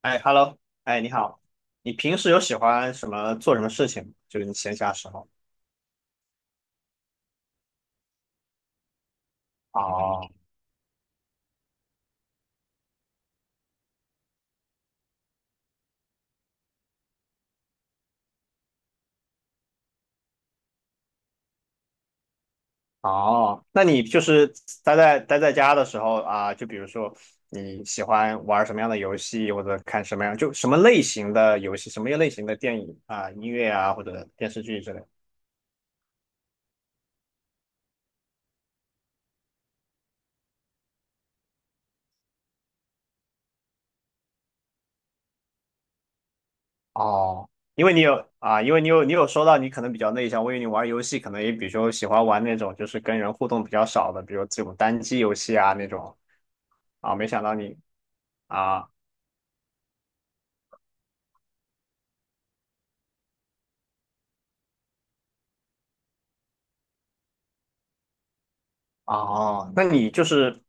哎，Hello，哎，你好，你平时有喜欢什么做什么事情吗？就是你闲暇时候。哦，哦，那你就是待在家的时候啊，就比如说你喜欢玩什么样的游戏，或者看什么样，就什么类型的游戏，什么类型的电影啊、音乐啊，或者电视剧之类的哦，因为你有说到你可能比较内向，我以为你玩游戏可能也比如说喜欢玩那种就是跟人互动比较少的，比如这种单机游戏啊那种啊，没想到你。啊哦，那你就是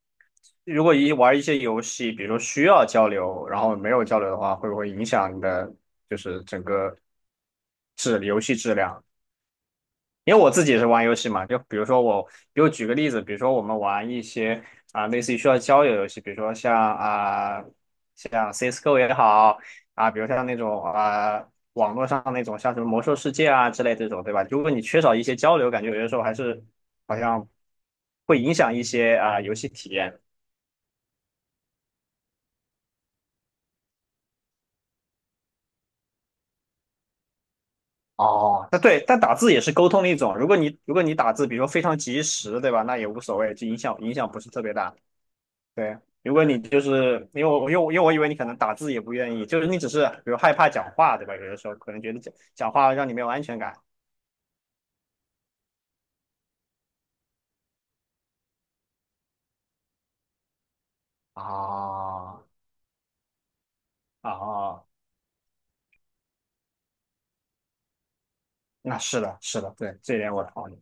如果一玩一些游戏，比如说需要交流，然后没有交流的话，会不会影响你的就是整个游戏质量？因为我自己也是玩游戏嘛，就比如说我，比如举个例子，比如说我们玩一些类似于需要交友游戏，比如说像 CS:GO 也好比如像那种啊、网络上那种像什么魔兽世界啊之类这种，对吧？如果你缺少一些交流，感觉有些时候还是好像会影响一些游戏体验。哦，那对，但打字也是沟通的一种。如果你打字，比如说非常及时，对吧？那也无所谓，就影响不是特别大。对，如果你就是因为我以为你可能打字也不愿意，就是你只是比如害怕讲话，对吧？有的时候可能觉得讲话让你没有安全感啊啊，那是的，是的，对，这一点我同意。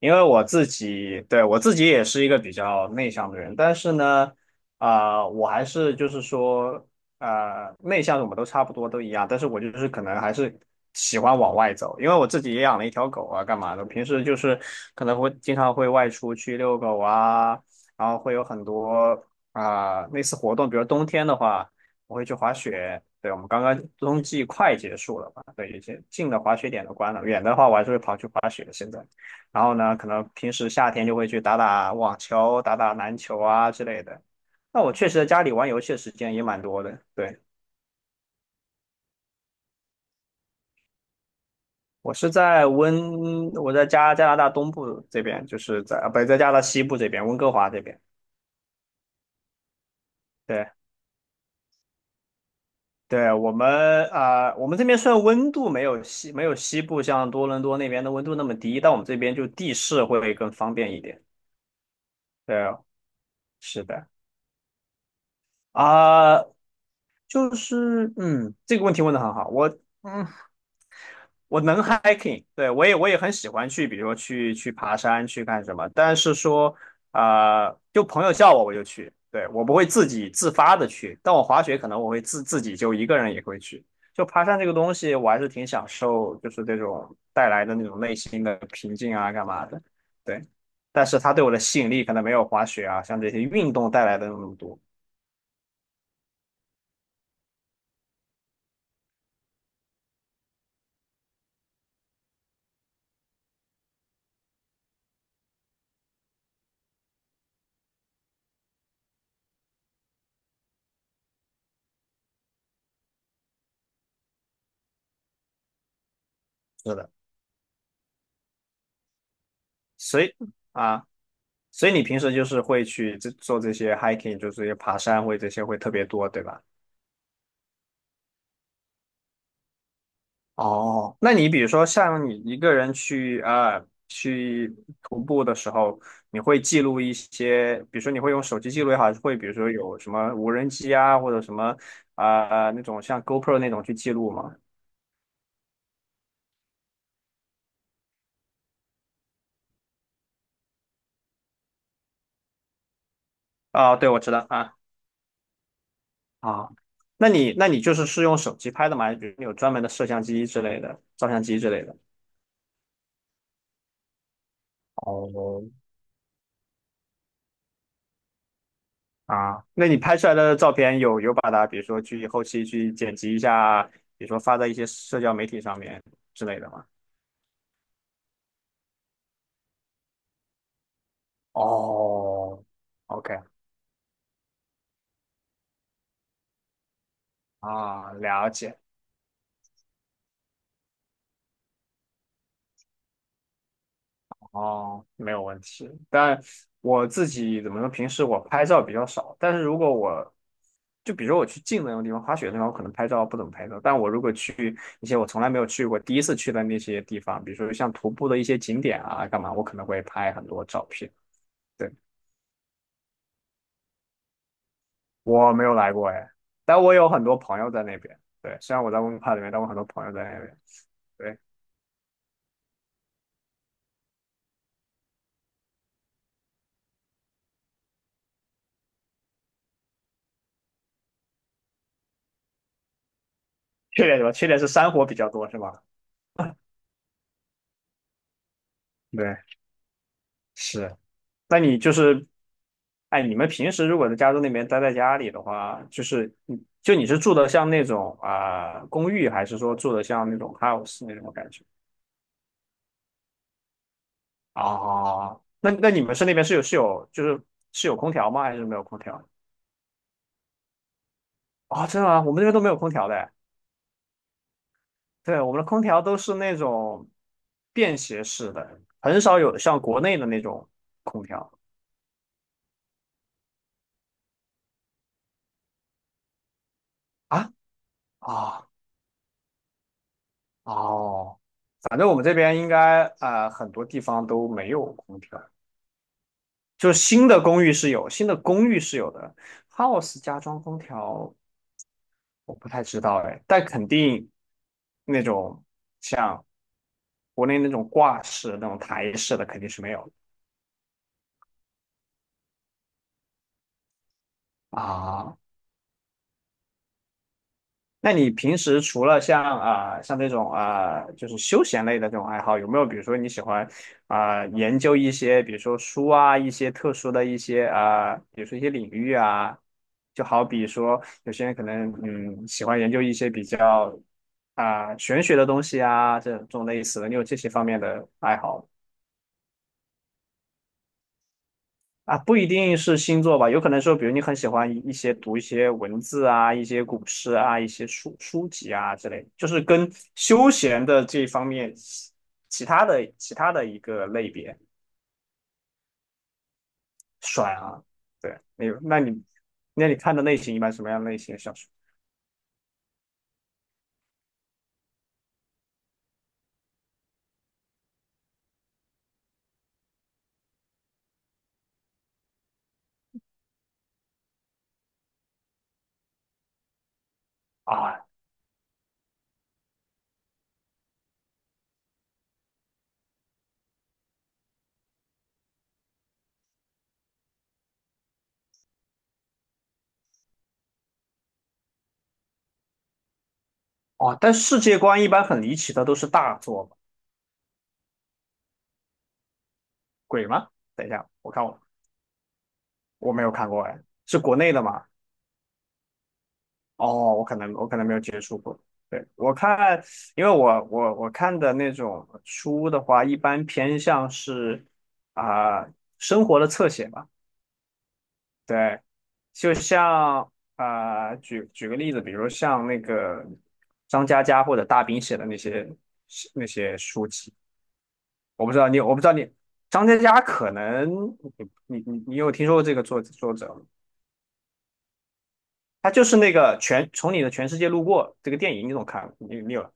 因为我自己，对，我自己也是一个比较内向的人，但是呢，我还是就是说，内向的我们都差不多都一样，但是我就是可能还是喜欢往外走，因为我自己也养了一条狗啊，干嘛的，平时就是可能会经常会外出去遛狗啊，然后会有很多类似活动，比如冬天的话，我会去滑雪，对，我们刚刚冬季快结束了吧，对，有些近的滑雪点都关了，远的话我还是会跑去滑雪，现在。然后呢，可能平时夏天就会去打打网球、打打篮球啊之类的。那我确实在家里玩游戏的时间也蛮多的。对，我在加拿大东部这边，就是在，啊不，在加拿大西部这边，温哥华这边。对，对，我们这边虽然温度没有西部像多伦多那边的温度那么低，但我们这边就地势会更方便一点。对，是的啊。就是，嗯，这个问题问的很好。我，嗯，我能 hiking，对，我也很喜欢去，比如说去爬山，去干什么。但是说，就朋友叫我就去，对，我不会自己自发的去。但我滑雪可能我会自己就一个人也会去。就爬山这个东西，我还是挺享受，就是这种带来的那种内心的平静啊，干嘛的，对。但是它对我的吸引力可能没有滑雪啊，像这些运动带来的那么多。是的，所以啊。所以你平时就是会去做这些 hiking，就是这些爬山会这些会特别多，对吧？哦，那你比如说像你一个人去徒步的时候，你会记录一些，比如说你会用手机记录也好，还是会比如说有什么无人机啊，或者什么那种像 GoPro 那种去记录吗？对，我知道啊啊，那你就是用手机拍的吗？还是比如你有专门的摄像机之类的、照相机之类的？哦，啊，那你拍出来的照片有把它，比如说去后期去剪辑一下，比如说发在一些社交媒体上面之类的吗？哦，OK，啊，了解，哦，没有问题。但我自己怎么说，平时我拍照比较少，但是如果我就比如说我去近的那种地方，滑雪的地方，我可能拍照不怎么拍照。但我如果去一些我从来没有去过，第一次去的那些地方，比如说像徒步的一些景点啊，干嘛，我可能会拍很多照片。对。我没有来过哎，但我有很多朋友在那边。对，虽然我在温哥华里面，但我很多朋友在那边。对，缺点什么？缺点是山火比较多，是吧？对，是。那你就是，哎，你们平时如果在加州那边待在家里的话，就是你就你是住的像那种公寓，还是说住的像那种 house 那种感觉？啊，那你们是那边是有是有就是是有空调吗？还是没有空调？真的吗？我们那边都没有空调的对，我们的空调都是那种便携式的，很少有像国内的那种空调啊啊哦，反正我们这边应该很多地方都没有空调，就是新的公寓是有，新的公寓是有的，house 加装空调我不太知道哎，但肯定那种像国内那种挂式那种台式的肯定是没有的啊，那你平时除了像这种就是休闲类的这种爱好，有没有比如说你喜欢研究一些比如说书啊一些特殊的一些比如说一些领域啊，就好比说有些人可能喜欢研究一些比较玄学的东西啊这种类似的，你有这些方面的爱好吗啊，不一定是星座吧，有可能说，比如你很喜欢一些读一些文字啊，一些古诗啊，一些书籍啊之类的就是跟休闲的这一方面，其他的一个类别算啊。对，没有，那你看的类型一般什么样类型的小说啊？哦，但世界观一般很离奇的都是大作嘛，鬼吗？等一下，我没有看过哎，是国内的吗？哦，我可能没有接触过。对，我看，因为我看的那种书的话，一般偏向是啊、生活的侧写吧。对，就像举个例子，比如像那个张嘉佳或者大兵写的那些书籍，我不知道你张嘉佳可能你有听说过这个作者吗？他就是那个从你的全世界路过这个电影，你总看你你有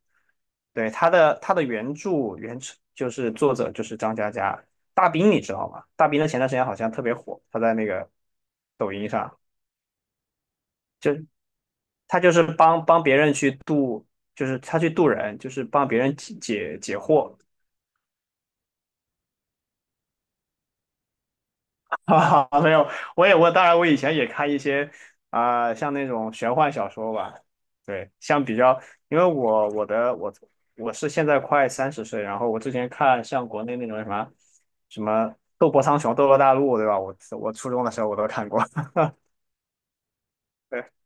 对，他的原著就是作者就是张嘉佳，大兵你知道吗？大兵的前段时间好像特别火，他在那个抖音上，他就是帮别人去渡，就是他去渡人，就是帮别人解惑，啊，没有，我当然以前也看一些像那种玄幻小说吧，对，像比较，因为我我的我我是现在快30岁，然后我之前看像国内那种什么《斗破苍穹》《斗罗大陆》，对吧？我初中的时候我都看过，对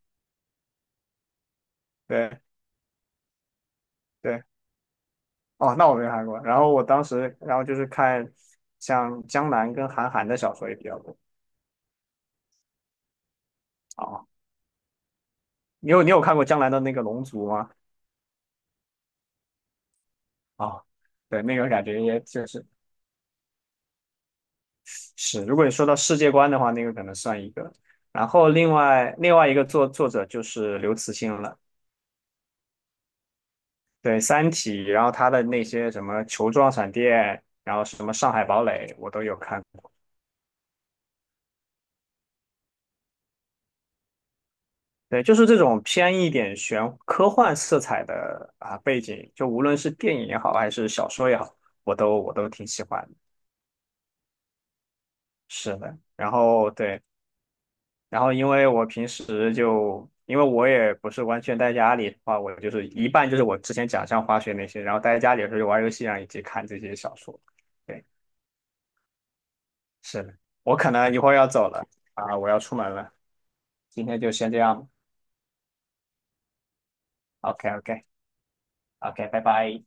对对，哦，那我没看过。然后我当时，然后就是看像江南跟韩寒的小说也比较多啊哦。你有看过江南的那个《龙族》吗？啊、对，那个感觉也就是，如果你说到世界观的话，那个可能算一个。然后另外一个作者就是刘慈欣了，对《三体》，然后他的那些什么球状闪电，然后什么上海堡垒，我都有看。对，就是这种偏一点科幻色彩的啊背景，就无论是电影也好，还是小说也好，我都挺喜欢的。是的，然后对。然后因为我平时就，因为我也不是完全待家里的话，我就是一半就是我之前讲像滑雪那些，然后待在家里的时候就玩游戏啊，以及看这些小说。对，是的，我可能一会儿要走了啊，我要出门了，今天就先这样。OK OK OK，拜拜。